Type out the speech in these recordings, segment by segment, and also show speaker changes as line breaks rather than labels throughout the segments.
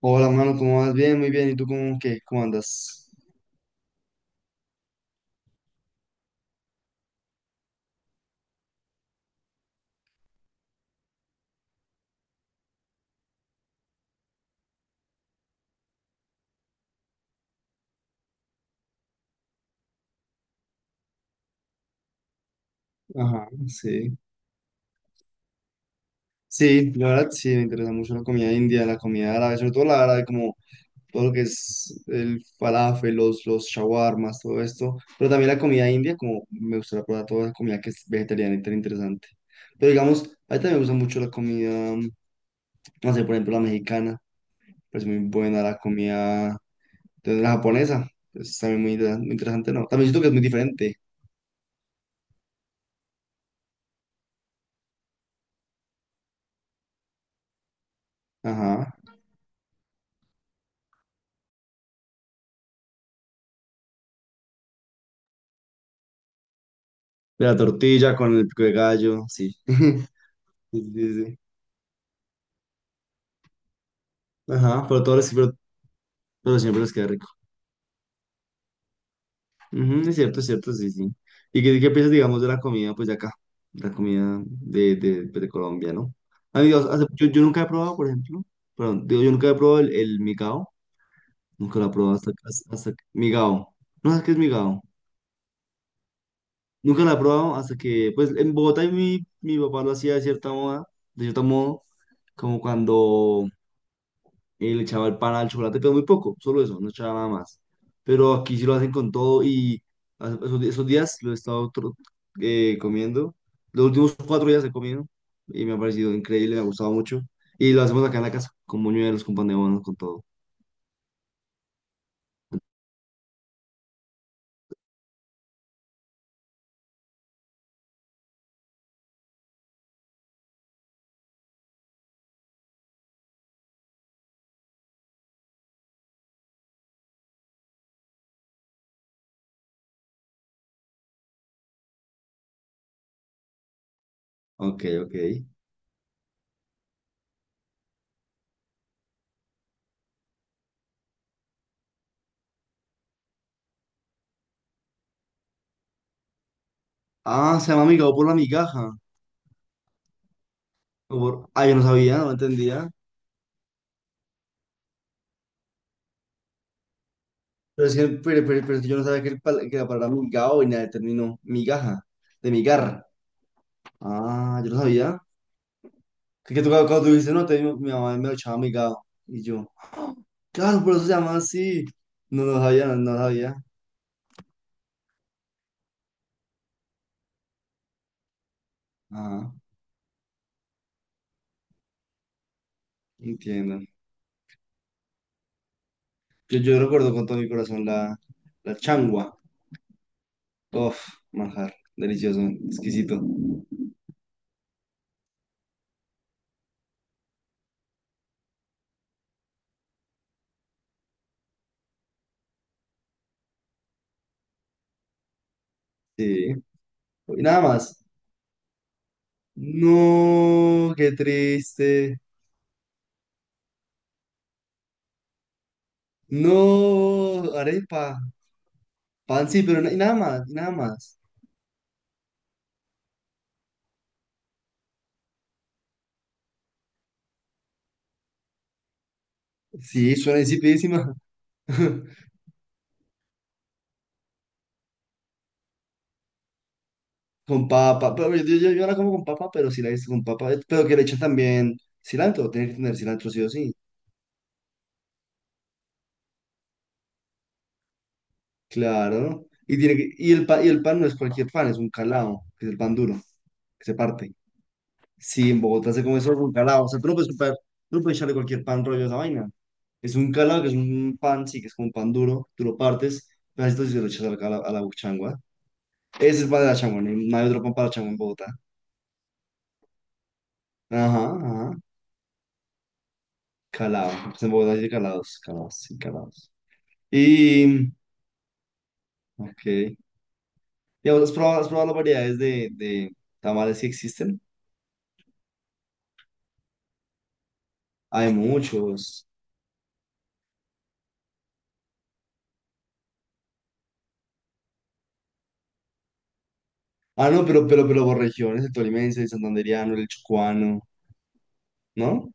Hola, mano, ¿cómo vas? Bien, muy bien. ¿Y tú cómo, qué? ¿Cómo andas? Ajá, sí. Sí, la verdad sí, me interesa mucho la comida india, la comida árabe, sobre todo la árabe, como todo lo que es el falafel, los shawarmas, todo esto. Pero también la comida india, como me gustaría probar toda la comida que es vegetariana y tan interesante. Pero digamos, a mí también me gusta mucho la comida, mm, no sé, por ejemplo, la mexicana, pues muy buena, la comida de la japonesa, es también muy, muy interesante, ¿no? También siento que es muy diferente. Ajá. De la tortilla con el pico de gallo, sí. Sí, sí, sí. Ajá, pero siempre les queda rico. Ujú, es cierto, sí, sí. ¿Y qué piensas, digamos, de la comida, pues, de acá? La comida de, pues, de Colombia, ¿no? Amigos, yo nunca he probado, por ejemplo, perdón, digo, yo nunca he probado el migao, nunca lo he probado hasta migao. No sabes qué es migao. Nunca lo he probado hasta que, pues, en Bogotá mi papá lo hacía de cierto modo, como cuando le echaba el pan al chocolate, pero muy poco, solo eso, no echaba nada más. Pero aquí sí lo hacen con todo y esos días lo he estado comiendo. Los últimos 4 días he comido y me ha parecido increíble, me ha gustado mucho. Y lo hacemos acá en la casa, con buñuelos, con pan de bono, con todo. Ok, ok. Ah, se llama migao por la migaja. Ah, yo no sabía, no entendía. Pero es que yo no sabía que, que la palabra migao venía del término migaja, de migar. Ah, yo no sabía. Que tú, cuando tú dices, no, te, mi mamá me lo echaba amigado. Y yo, claro, por eso se llama así. No, no sabía, no, no lo sabía. Ajá, entiendo. Yo recuerdo con todo mi corazón la changua. Uf, manjar, delicioso, exquisito. Sí, y nada más. No, qué triste. No, arepa. Pan sí, pero y nada más, y nada más. Sí, suena insipidísima. Con papa, pero yo ahora como con papa, pero sí la he con papa, pero que le echan también cilantro, tiene que tener cilantro sí o sí, claro. ¿no? Y, tiene que- y, el, pa- y el pan no es cualquier pan, es un calao, que es el pan duro, que se parte. Sí, en Bogotá se come solo con calao, o sea, tú no puedes echarle cualquier pan rollo a esa vaina. Es un calao, que es un pan, sí, que es como un pan duro, tú lo partes, pero esto sí se lo echas a la changua. Ese es el pan de la changua, no hay otro pan para la changua en Bogotá. Ajá, ajá, calao, pues en Bogotá sí hay calados, calados, sí, calados. Y, ok. Digamos, ¿has probado las variedades de tamales que existen? Hay muchos. Ah, no, pero por regiones, el tolimense, el santandereano, el chocuano, ¿no?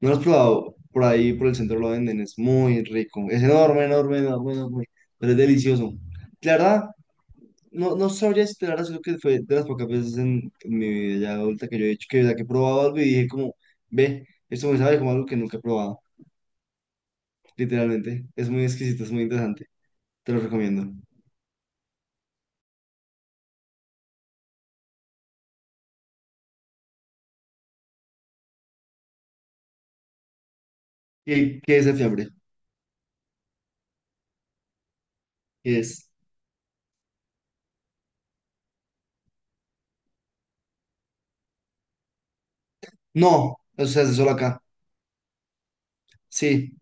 No lo has probado. Por ahí, por el centro lo venden, es muy rico. Es enorme, enorme, enorme, enorme, pero es delicioso. La verdad, no, no sabría esperar, creo que fue de las pocas veces en mi vida ya adulta que yo he hecho, que he probado algo y dije como, ve, esto me sabe como algo que nunca he probado, literalmente. Es muy exquisito, es muy interesante. Te lo recomiendo. ¿Qué es el fiambre? ¿Qué es? No, eso se hace solo acá. Sí.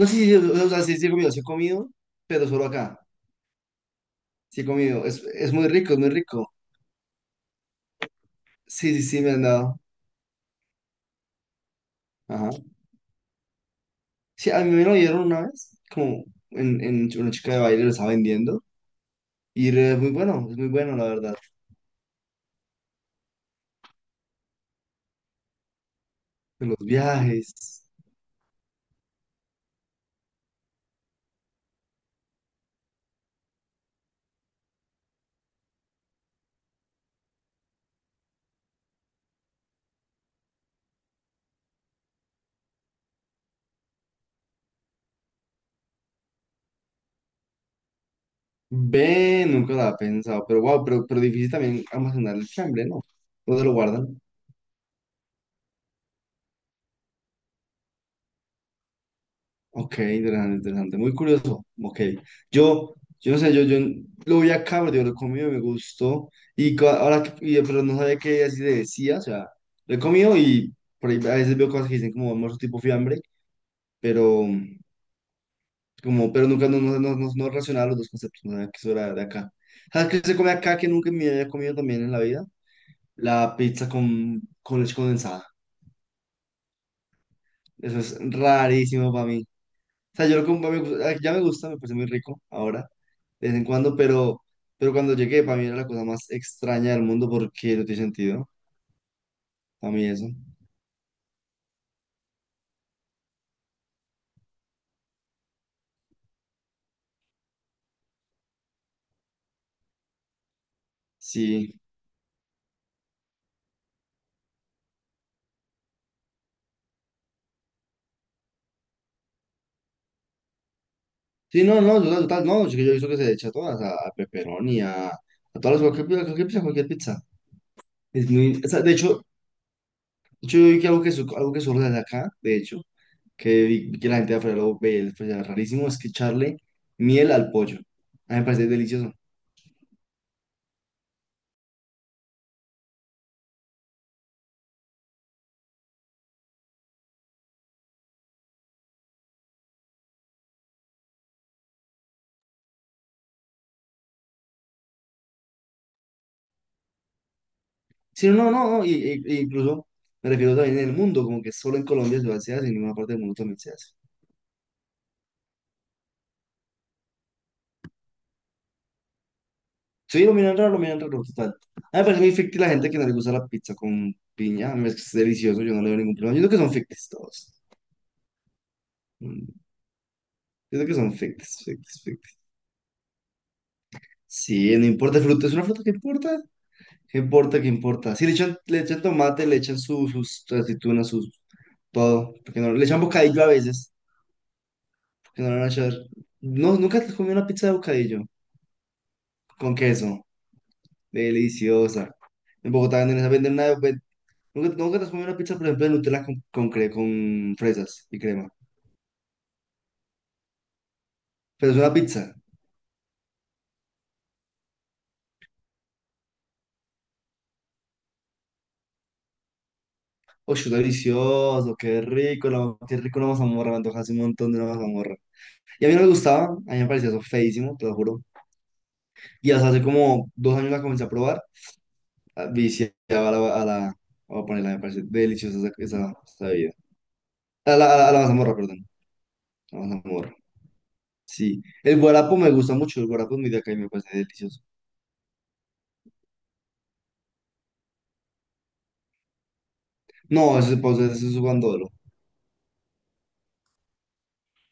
No, sí, sí, o sea, sí, sí he comido, pero solo acá. Sí he comido. Es muy rico, es muy rico. Sí, sí, sí, me han dado. Ajá. Sí, a mí me lo dieron una vez, como en una chica de baile lo estaba vendiendo. Y es muy bueno, la verdad. Los viajes. Ve, nunca lo había pensado. Pero wow, pero difícil también almacenar el fiambre, ¿no? ¿Dónde lo guardan? Ok, interesante, interesante. Muy curioso. Ok. Yo, yo no sé, yo lo vi acá, pero yo lo comí, me gustó. Ahora, pero no sabía que así le decía, o sea, lo he comido y por ahí a veces veo cosas que dicen como almuerzo tipo fiambre, pero pero nunca no relacionaba los dos conceptos, no sabía que eso era de acá. ¿Sabes qué se come acá que nunca me había comido también en la vida? La pizza con leche condensada. Eso es rarísimo para mí. O sea, yo lo como, ya me gusta, me parece muy rico ahora, de vez en cuando, pero cuando llegué, para mí era la cosa más extraña del mundo porque no tiene sentido, para mí eso. Sí, sí, no, no, total, total, no, yo he visto que se echa a todas, a pepperoni, a todas las, cualquier pizza, cualquier pizza. Es muy, o sea, de hecho, yo vi que algo que surge de acá, de hecho, que vi que la gente de afuera lo ve, pues, era rarísimo, es que echarle miel al pollo. A mí me parece delicioso. Sí, no, no, no, e incluso me refiero también en el mundo, como que solo en Colombia se hace, en ninguna parte del mundo también se hace. Sí, lo miran raro, total. A mí me parece muy ficti la gente que no le gusta la pizza con piña, a mí es delicioso, yo no le veo ningún problema. Yo creo que son fictis todos. Mm. Yo creo que son fictis, fictis, fictis. Sí, no importa el fruto, es una fruta que importa. ¿Qué importa, qué importa? Sí, le echan tomate, le echan sus aceitunas, sus todo. Porque no, le echan bocadillo a veces, porque no le van a echar. No, nunca te comí una pizza de bocadillo con queso. Deliciosa. En Bogotá venden esa, venden una. Nunca te has comido una pizza, por ejemplo, de Nutella con fresas y crema. Pero es una pizza. ¡Uy, delicioso! ¡Qué rico! Qué rico la mazamorra. Me antoja hace un montón de una mazamorra. Y a mí no me gustaba. A mí me parecía eso feísimo, te lo juro. Y hasta hace como 2 años la comencé a probar. Viciaba a la. A la voy a ponerla, me parece deliciosa esa bebida. A la mazamorra, perdón. La mazamorra. Sí. El guarapo me gusta mucho. El guarapo es muy de acá y me parece delicioso. No, ese pues, ese es guandolo,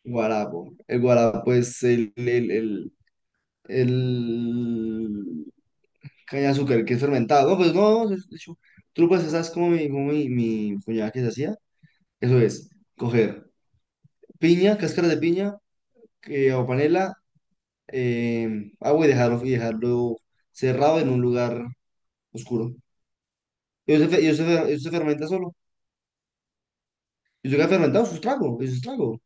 guarapo. El guarapo es el caña de azúcar que es fermentado. No, pues no, de hecho, tú pues sabes como mi cuñada que se hacía. Eso es, coger piña, cáscara de piña o panela, agua y dejarlo cerrado en un lugar oscuro. Eso se fermenta solo. Y eso queda fermentado, eso es un trago, eso es un trago.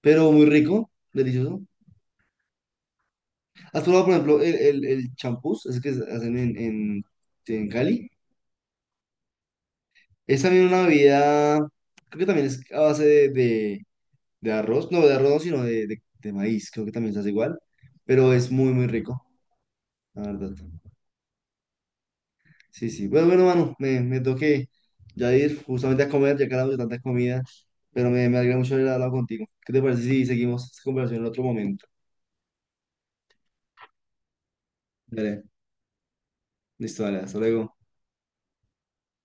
Pero muy rico, delicioso. ¿Has probado, por ejemplo, el champús, ese que hacen en Cali? Es también una bebida, creo que también es a base de arroz, no de arroz, no, sino de maíz, creo que también se hace igual, pero es muy, muy rico, la verdad. Sí, sí. Bueno, bueno, mano, me tengo que ya ir justamente a comer, ya que hablamos de tanta comida, pero me alegra mucho haber hablado contigo. ¿Qué te parece si seguimos esta conversación en otro momento? Dale, listo, dale, hasta luego.